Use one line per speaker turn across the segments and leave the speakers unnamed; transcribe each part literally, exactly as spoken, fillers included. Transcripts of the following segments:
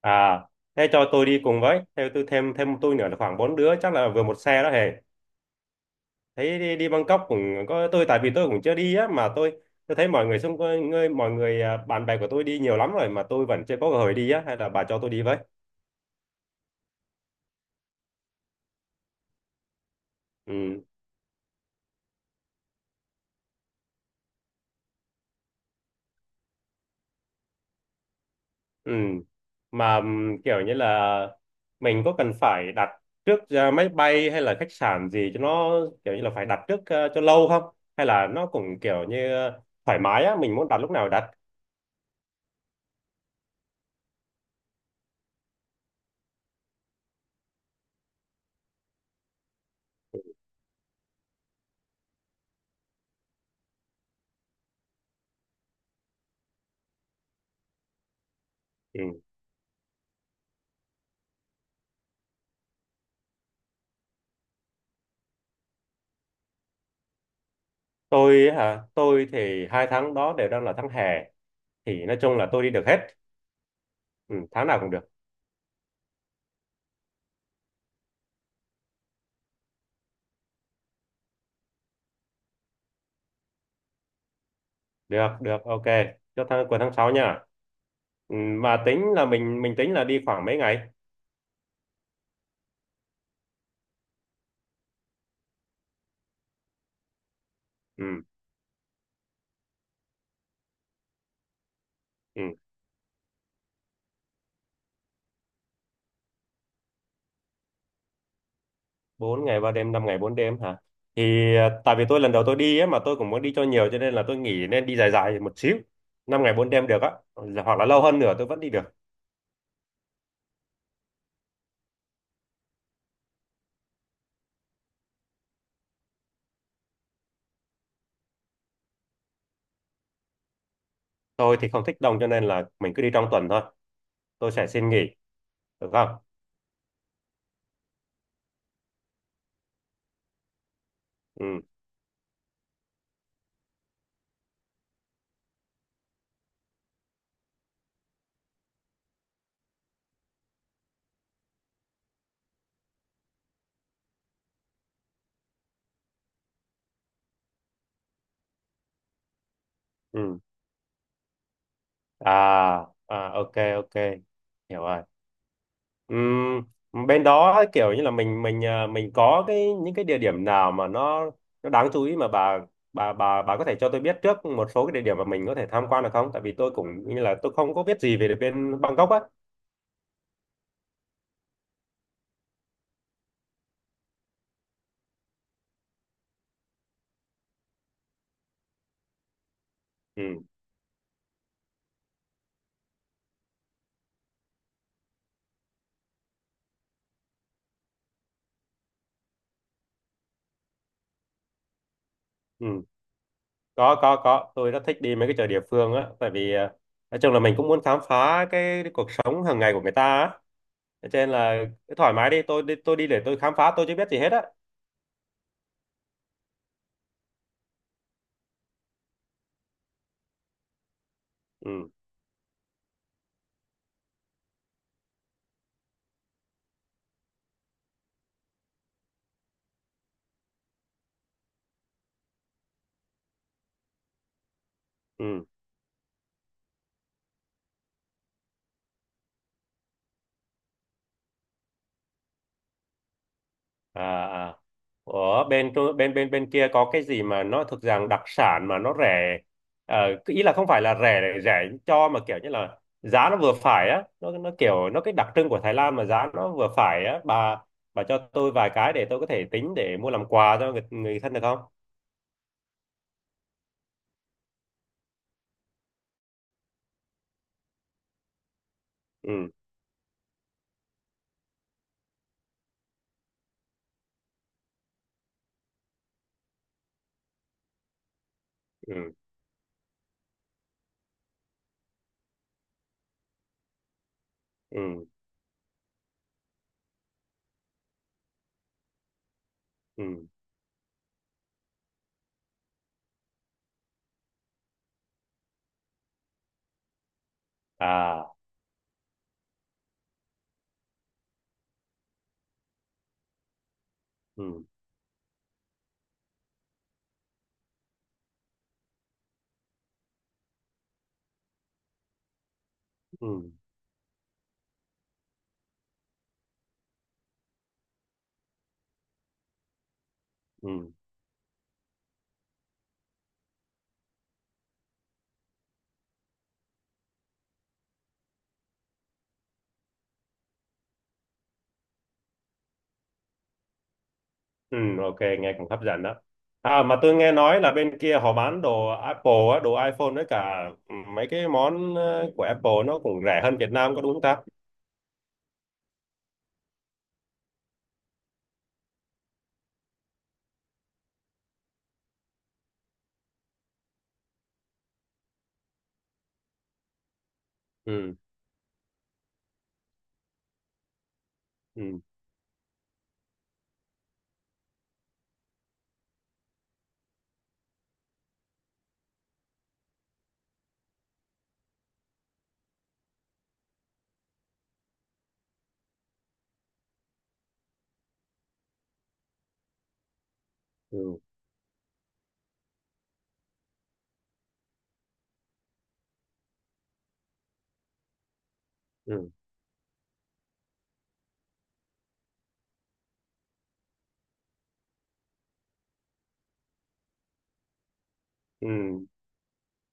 À, thế cho tôi đi cùng với, theo tôi thêm thêm tôi nữa là khoảng bốn đứa, chắc là vừa một xe đó hề. Thấy đi, đi Bangkok cũng có tôi, tại vì tôi cũng chưa đi á, mà tôi tôi thấy mọi người xung quanh người mọi người à, bạn bè của tôi đi nhiều lắm rồi mà tôi vẫn chưa có cơ hội đi á, hay là bà cho tôi đi với. Ừ, ừ. Mà ừm, kiểu như là mình có cần phải đặt trước à, máy bay hay là khách sạn gì, cho nó kiểu như là phải đặt trước à, cho lâu không? Hay là nó cũng kiểu như à, thoải mái á, mình muốn đặt lúc nào đặt. Ừ. tôi hả tôi thì hai tháng đó đều đang là tháng hè, thì nói chung là tôi đi được hết, ừ, tháng nào cũng được. Được được, ok, cho tháng cuối tháng sáu nha. Ừ, mà tính là mình mình tính là đi khoảng mấy ngày. Ừ, ừ. bốn ngày ba đêm, năm ngày bốn đêm hả? Thì à, tại vì tôi lần đầu tôi đi ấy, mà tôi cũng muốn đi cho nhiều, cho nên là tôi nghĩ nên đi dài dài một xíu, năm ngày bốn đêm được á, hoặc là lâu hơn nữa tôi vẫn đi được. Tôi thì không thích đông cho nên là mình cứ đi trong tuần thôi, tôi sẽ xin nghỉ được không? Ừ, ừ. À, à, ok, ok, hiểu rồi. Ừm, bên đó kiểu như là mình mình à, mình có cái những cái địa điểm nào mà nó nó đáng chú ý, mà bà bà bà bà có thể cho tôi biết trước một số cái địa điểm mà mình có thể tham quan được không, tại vì tôi cũng như là tôi không có biết gì về bên Bangkok á. Ừ, ừ. có có có tôi rất thích đi mấy cái chợ địa phương á, tại vì à, nói chung là mình cũng muốn khám phá cái, cái cuộc sống hàng ngày của người ta á, cho nên là cứ thoải mái, đi tôi đi, tôi đi để tôi khám phá, tôi chưa biết gì hết á. Ừ, ừ. À, à, ở bên Trung- bên bên bên kia có cái gì mà nó thực rằng đặc sản mà nó rẻ, ờ, cái ý là không phải là rẻ để rẻ cho, mà kiểu như là giá nó vừa phải á, nó nó kiểu nó cái đặc trưng của Thái Lan mà giá nó vừa phải á, bà bà cho tôi vài cái để tôi có thể tính để mua làm quà cho người, người thân được không? Ừ, ừ, ừ, ừ, à, ừ, ừ, ừ. Ừ, ok, nghe cũng hấp dẫn đó. À, mà tôi nghe nói là bên kia họ bán đồ Apple á, đồ iPhone với cả ừ, mấy cái món ờ, của Apple nó cũng rẻ hơn Việt Nam, có đúng không ta? Ừ, ừ, ừ, ừ, ừ.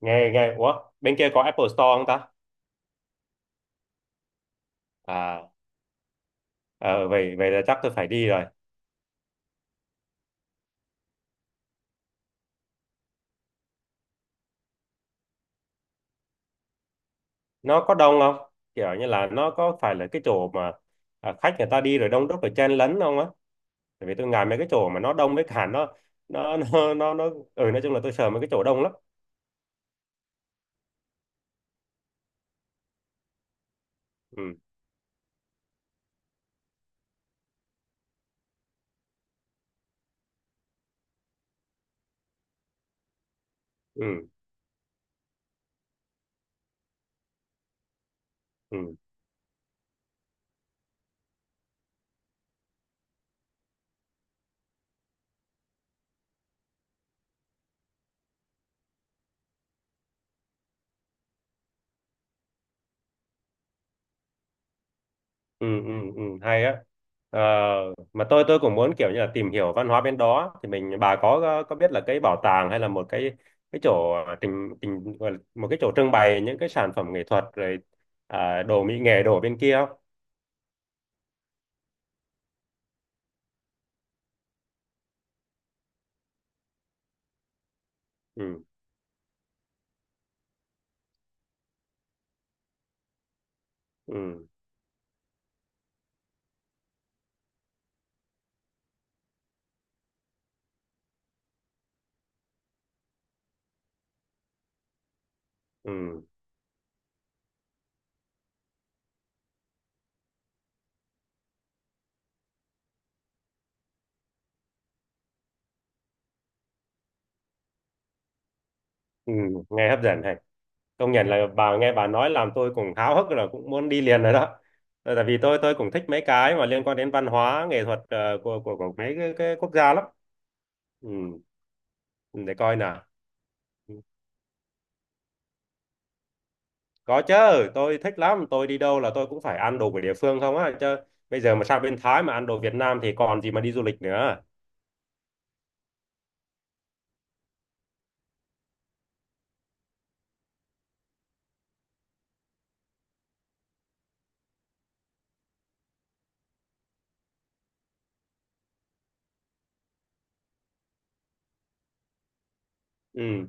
Nghe, nghe, ủa, bên kia có Apple Store không ta? À, ờ, vậy, vậy là chắc tôi phải đi rồi. Nó có đông không? Kiểu như là nó có phải là cái chỗ mà à, khách người ta đi rồi đông đúc rồi chen lấn không á? Tại vì tôi ngại mấy cái chỗ mà nó đông với cả nó, nó, nó, nó, nó, ừ, nói chung là tôi sợ mấy cái chỗ đông lắm. Ừ. Ừ. Ừ, ừ, ừ, ừ, hay á. Ờ, mà tôi tôi cũng muốn kiểu như là tìm hiểu văn hóa bên đó, thì mình bà có có biết là cái bảo tàng, hay là một cái cái chỗ trình trình gọi là một cái chỗ trưng bày những cái sản phẩm nghệ thuật, rồi à, đồ mỹ nghệ đồ bên kia không? Ừ, ừ, ừ, ừ, nghe hấp dẫn này. Công nhận là bà nghe bà nói làm tôi cũng háo hức rồi, cũng muốn đi liền rồi đó. Ờ, tại vì tôi tôi cũng thích mấy cái mà liên quan đến văn hóa nghệ thuật ờ, của, của của mấy cái, cái quốc gia lắm. Ừ, để coi nào. Ừ. Có chứ, tôi thích lắm, tôi đi đâu là tôi cũng phải ăn đồ của địa phương không á, chứ bây giờ mà sang bên Thái mà ăn đồ Việt Nam thì còn gì mà đi du lịch nữa. Ừ.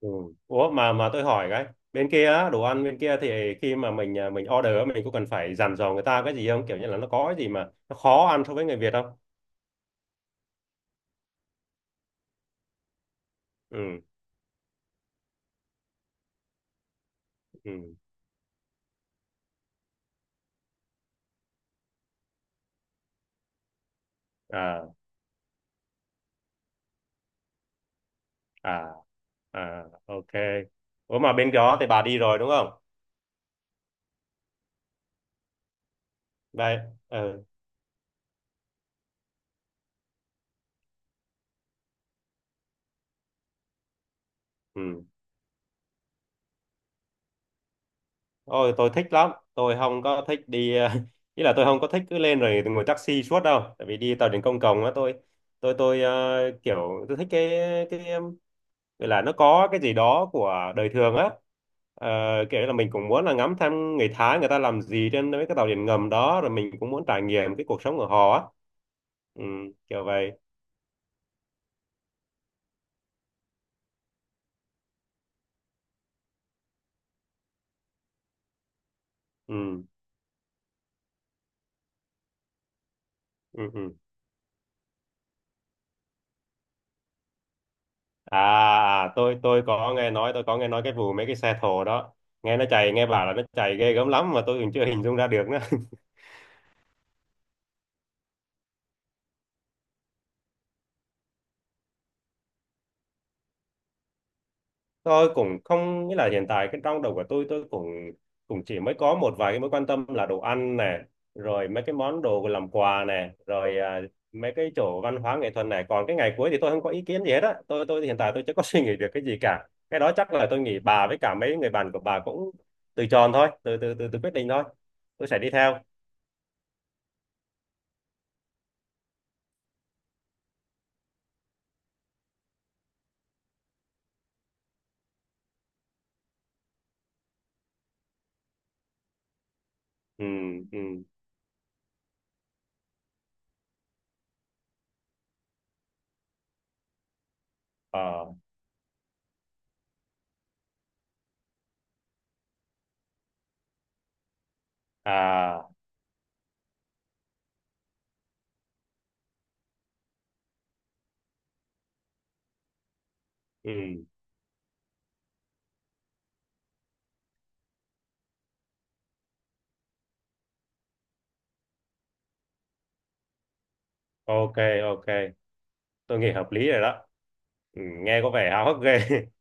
Ừ. Ủa, mà mà tôi hỏi cái, bên kia á, đồ ăn bên kia thì khi mà mình à, mình order á, mình có cần phải dặn dò người ta cái gì không? Kiểu như là nó có cái gì mà nó khó ăn so với người Việt không? Ừ. Ừ. À, à, à, ok. Ủa, mà bên đó thì bà đi rồi đúng không? Đây. Ừ. Ừ. Ôi, tôi thích lắm. Tôi không có thích đi, ờ, ý là tôi không có thích cứ lên rồi ngồi taxi suốt đâu. Tại vì đi tàu điện công cộng á, tôi, tôi, tôi ờ, kiểu tôi thích cái cái em, gọi là nó có cái gì đó của đời thường á. Ờ, kiểu là mình cũng muốn là ngắm thăm người Thái người ta làm gì trên mấy cái tàu điện ngầm đó, rồi mình cũng muốn trải nghiệm cái cuộc sống của họ á. Ừ, kiểu vậy. Ừ, ừ, ừ. À, à, tôi tôi có nghe nói, tôi có nghe nói cái vụ mấy cái xe thồ đó, nghe nó chạy, nghe bảo là nó chạy ghê gớm lắm, mà tôi cũng chưa hình dung ra được nữa. Tôi cũng không nghĩa là hiện tại cái trong đầu của tôi tôi cũng cũng chỉ mới có một vài cái mối quan tâm là đồ ăn nè, rồi mấy cái món đồ làm quà nè, rồi à, mấy cái chỗ văn hóa nghệ thuật này, còn cái ngày cuối thì tôi không có ý kiến gì hết á, tôi tôi hiện tại tôi chưa có suy nghĩ được cái gì cả, cái đó chắc là tôi nghĩ bà với cả mấy người bạn của bà cũng từ tròn thôi, từ từ từ, từ quyết định thôi, tôi sẽ đi theo. Ừ, ừ. Ờ, à, ừ, ok, ok, tôi nghĩ hợp lý rồi đó. Ừ, nghe có vẻ háo hức ghê.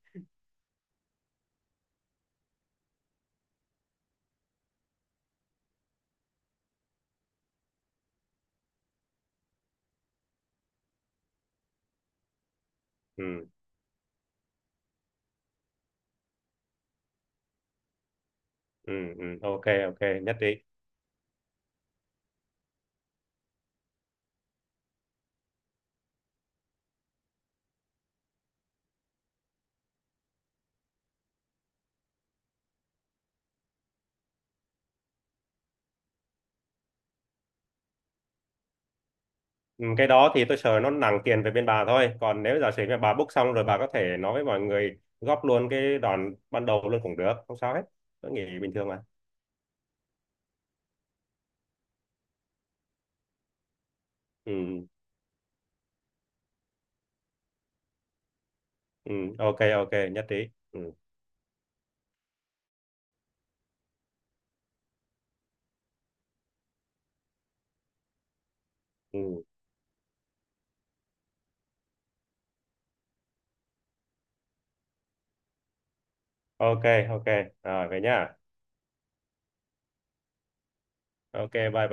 Ừ, ừ, ừ, ok, ok, nhất trí. Ừ, cái đó thì tôi sợ nó nặng tiền về bên bà thôi, còn nếu giả sử mà bà book xong rồi bà có thể nói với mọi người góp luôn cái đoạn ban đầu luôn cũng được, không sao hết, tôi nghĩ bình thường mà. Ừ, ừ, ok, ok, nhất trí. Ừ, ừ, ok, ok, rồi về nhá. Ok, bye bye.